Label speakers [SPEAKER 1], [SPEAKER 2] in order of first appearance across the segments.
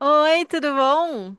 [SPEAKER 1] Oi, tudo bom?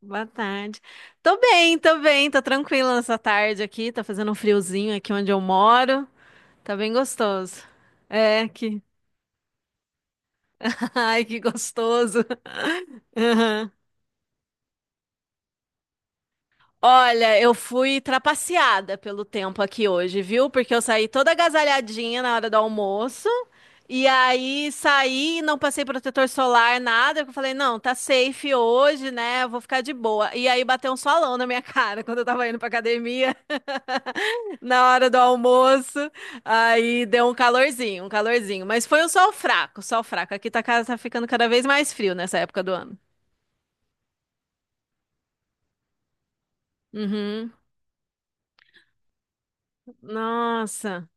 [SPEAKER 1] Boa tarde. Tô bem, tô bem, tô tranquila nessa tarde aqui. Tá fazendo um friozinho aqui onde eu moro. Tá bem gostoso. É, que. Ai, que gostoso. Aham. Olha, eu fui trapaceada pelo tempo aqui hoje, viu? Porque eu saí toda agasalhadinha na hora do almoço. E aí saí, não passei protetor solar, nada. Eu falei, não, tá safe hoje, né? Eu vou ficar de boa. E aí bateu um solão na minha cara quando eu tava indo pra academia na hora do almoço. Aí deu um calorzinho, um calorzinho. Mas foi um sol fraco, sol fraco. Aqui tá, tá ficando cada vez mais frio nessa época do ano. Uhum. Nossa.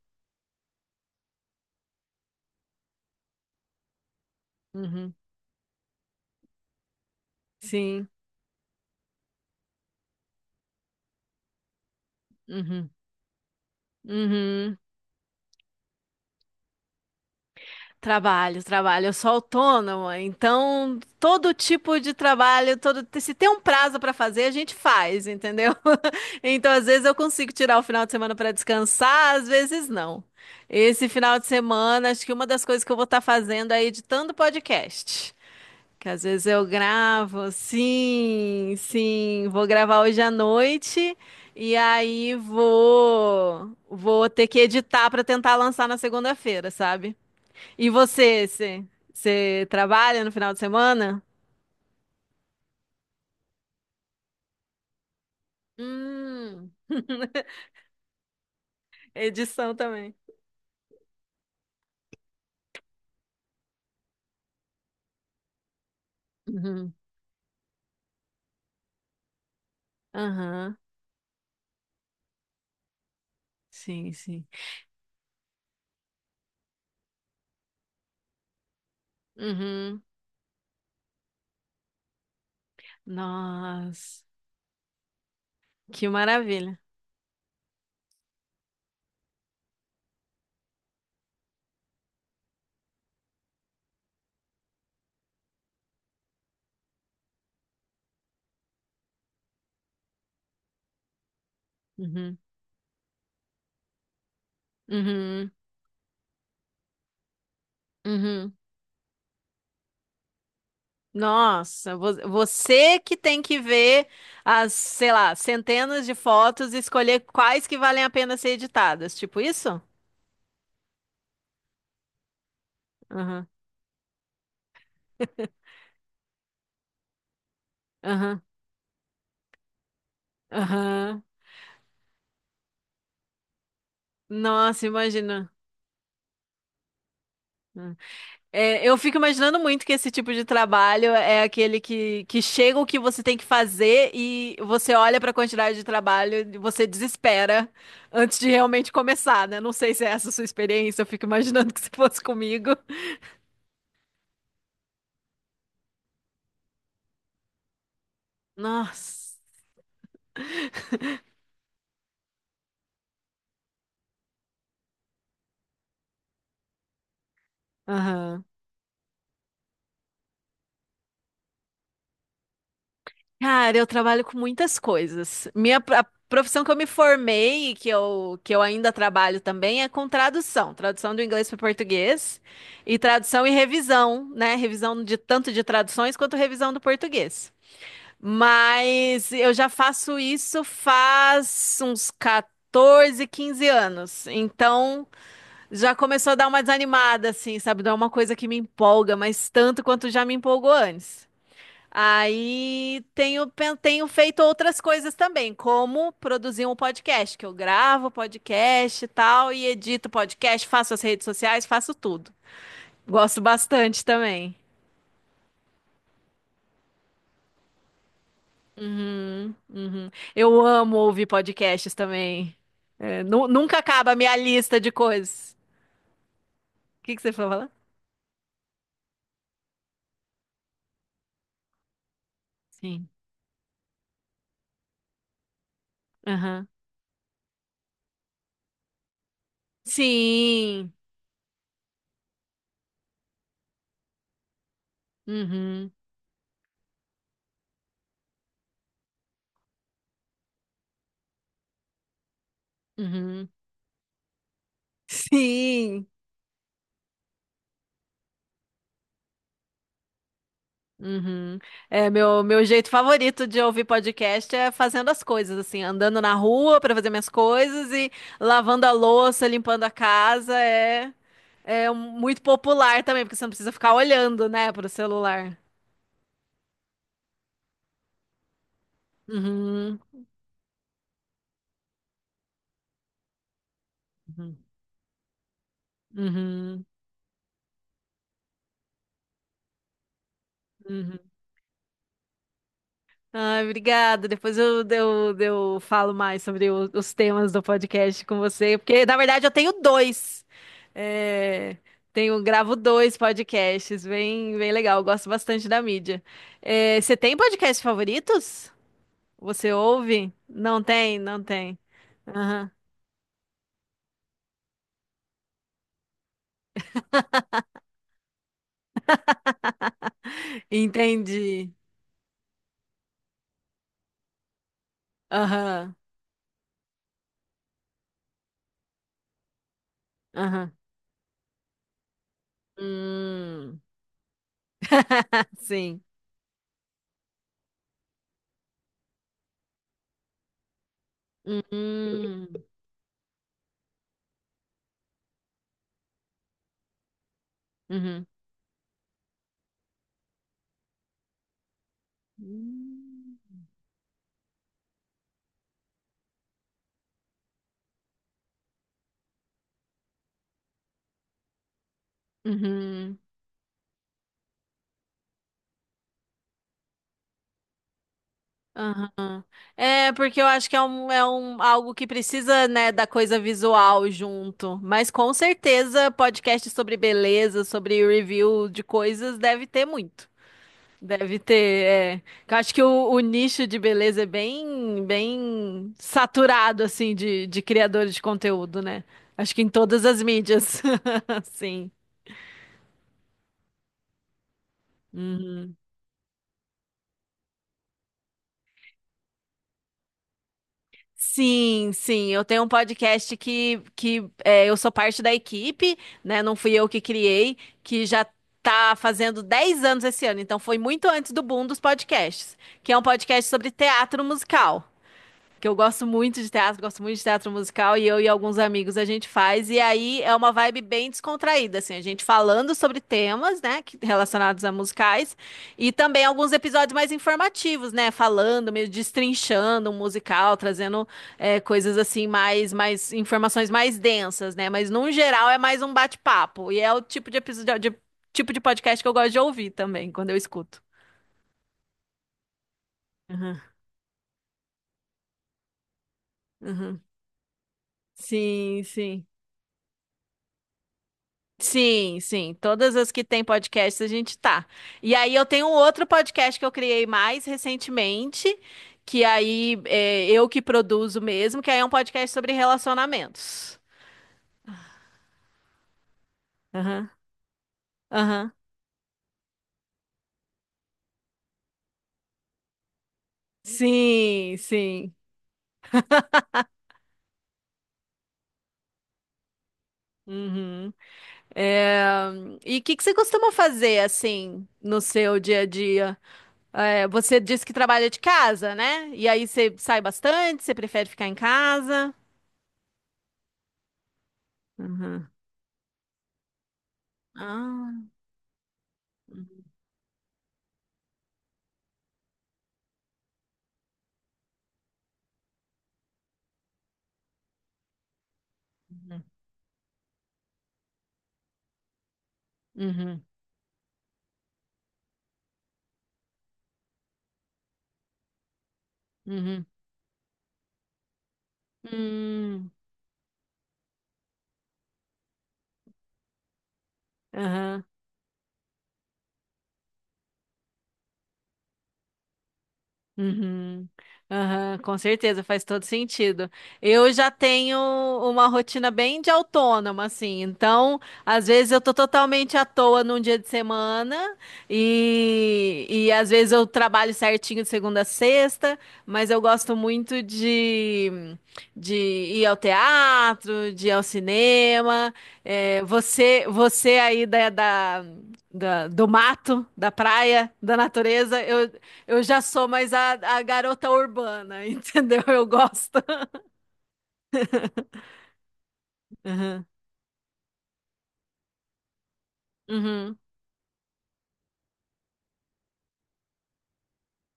[SPEAKER 1] Uhum. Sim. Uhum. Uhum. Trabalho, trabalho. Eu sou autônoma, então todo tipo de trabalho, todo se tem um prazo para fazer, a gente faz, entendeu? Então às vezes eu consigo tirar o final de semana para descansar, às vezes não. Esse final de semana, acho que uma das coisas que eu vou estar fazendo é editando podcast. Que às vezes eu gravo, sim, sim, vou gravar hoje à noite. E aí vou ter que editar para tentar lançar na segunda-feira, sabe? E você, você trabalha no final de semana? Hum. Edição também. Uhum. Aham. Sim, sim. Uhum. Nossa, que maravilha. Uhum. Uhum. Uhum. Nossa, você que tem que ver as, sei lá, centenas de fotos e escolher quais que valem a pena ser editadas, tipo isso? Aham, aham, aham. Nossa, imagina. É, eu fico imaginando muito que esse tipo de trabalho é aquele que chega o que você tem que fazer e você olha para a quantidade de trabalho e você desespera antes de realmente começar, né? Não sei se é essa a sua experiência, eu fico imaginando que se fosse comigo. Nossa. Aham. Cara, eu trabalho com muitas coisas. Minha a profissão que eu me formei e que eu ainda trabalho também é com tradução, tradução do inglês para o português e tradução e revisão, né? Revisão de tanto de traduções quanto revisão do português. Mas eu já faço isso faz uns 14, 15 anos. Então já começou a dar uma desanimada, assim, sabe? Não é uma coisa que me empolga, mas tanto quanto já me empolgou antes. Aí tenho, tenho feito outras coisas também, como produzir um podcast, que eu gravo podcast e tal, e edito podcast, faço as redes sociais, faço tudo. Gosto bastante também. Uhum, uhum. Eu amo ouvir podcasts também. É, nunca acaba a minha lista de coisas. O que que você foi falar? Sim. Aham. Sim. Uhum, uhum. Sim. Uhum. É, meu jeito favorito de ouvir podcast é fazendo as coisas, assim, andando na rua para fazer minhas coisas e lavando a louça, limpando a casa. É, é muito popular também, porque você não precisa ficar olhando, né, pro celular. Uhum. Uhum. Uhum. Uhum. Ai, obrigada. Depois eu falo mais sobre os temas do podcast com você, porque na verdade eu tenho dois. É, tenho, gravo dois podcasts, bem, bem legal. Eu gosto bastante da mídia. É, você tem podcasts favoritos? Você ouve? Não tem, não tem. Aham. Entendi. Aham, aham. Hum. Sim. Hum. Uhum. Hum. Uhum. Aham. É, porque eu acho que é um algo que precisa, né, da coisa visual junto. Mas com certeza, podcast sobre beleza, sobre review de coisas, deve ter muito. Deve ter, é. Eu acho que o nicho de beleza é bem, bem saturado, assim, de criadores de conteúdo, né? Acho que em todas as mídias. Sim. Uhum. Sim, sim, eu tenho um podcast que é, eu sou parte da equipe, né? Não fui eu que criei, que já tá fazendo 10 anos esse ano, então foi muito antes do boom dos podcasts, que é um podcast sobre teatro musical que eu gosto muito de teatro, gosto muito de teatro musical e eu e alguns amigos a gente faz e aí é uma vibe bem descontraída assim, a gente falando sobre temas, né, que- relacionados a musicais e também alguns episódios mais informativos, né, falando, meio destrinchando um musical, trazendo é, coisas assim mais informações mais densas, né, mas num geral é mais um bate-papo e é o tipo de tipo de podcast que eu gosto de ouvir também quando eu escuto. Uhum, uhum. Sim, sim. Sim, sim. Todas as que tem podcast a gente tá. E aí eu tenho um outro podcast que eu criei mais recentemente, que aí é eu que produzo mesmo, que aí é um podcast sobre relacionamentos. Aham, aham. Sim, sim. Uhum. É, E o que que você costuma fazer assim no seu dia a dia? É, você, disse que trabalha de casa, né? E aí você sai bastante, você prefere ficar em casa? Uhum. Ah. Uhum. Uhum. Uhum. Hum, aham. Uhum. Aham, com certeza, faz todo sentido. Eu já tenho uma rotina bem de autônoma, assim, então às vezes eu tô totalmente à toa num dia de semana e às vezes eu trabalho certinho de segunda a sexta, mas eu gosto muito de ir ao teatro, de ir ao cinema. É, você aí do mato, da praia, da natureza. Eu já sou mais a garota urbana, entendeu? Eu gosto. Uhum, uhum,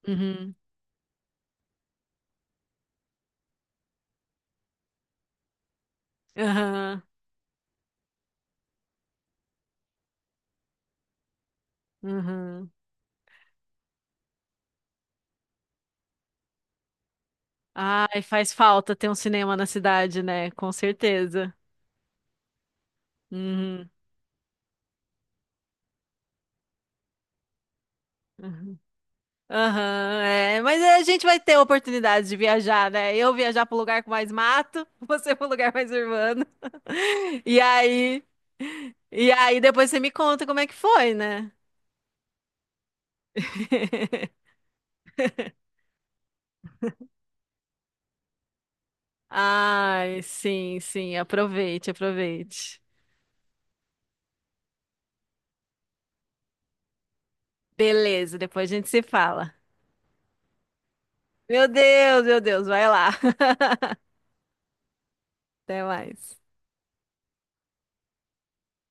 [SPEAKER 1] uhum, uhum, uhum. Ai, faz falta ter um cinema na cidade, né? Com certeza. Uhum, uhum. Aham, é, mas a gente vai ter oportunidade de viajar, né? Eu viajar para um lugar com mais mato, você para um lugar mais urbano. E aí, e aí, depois você me conta como é que foi, né? Ai, sim, sim, aproveite, aproveite. Beleza, depois a gente se fala. Meu Deus, vai lá. Até mais.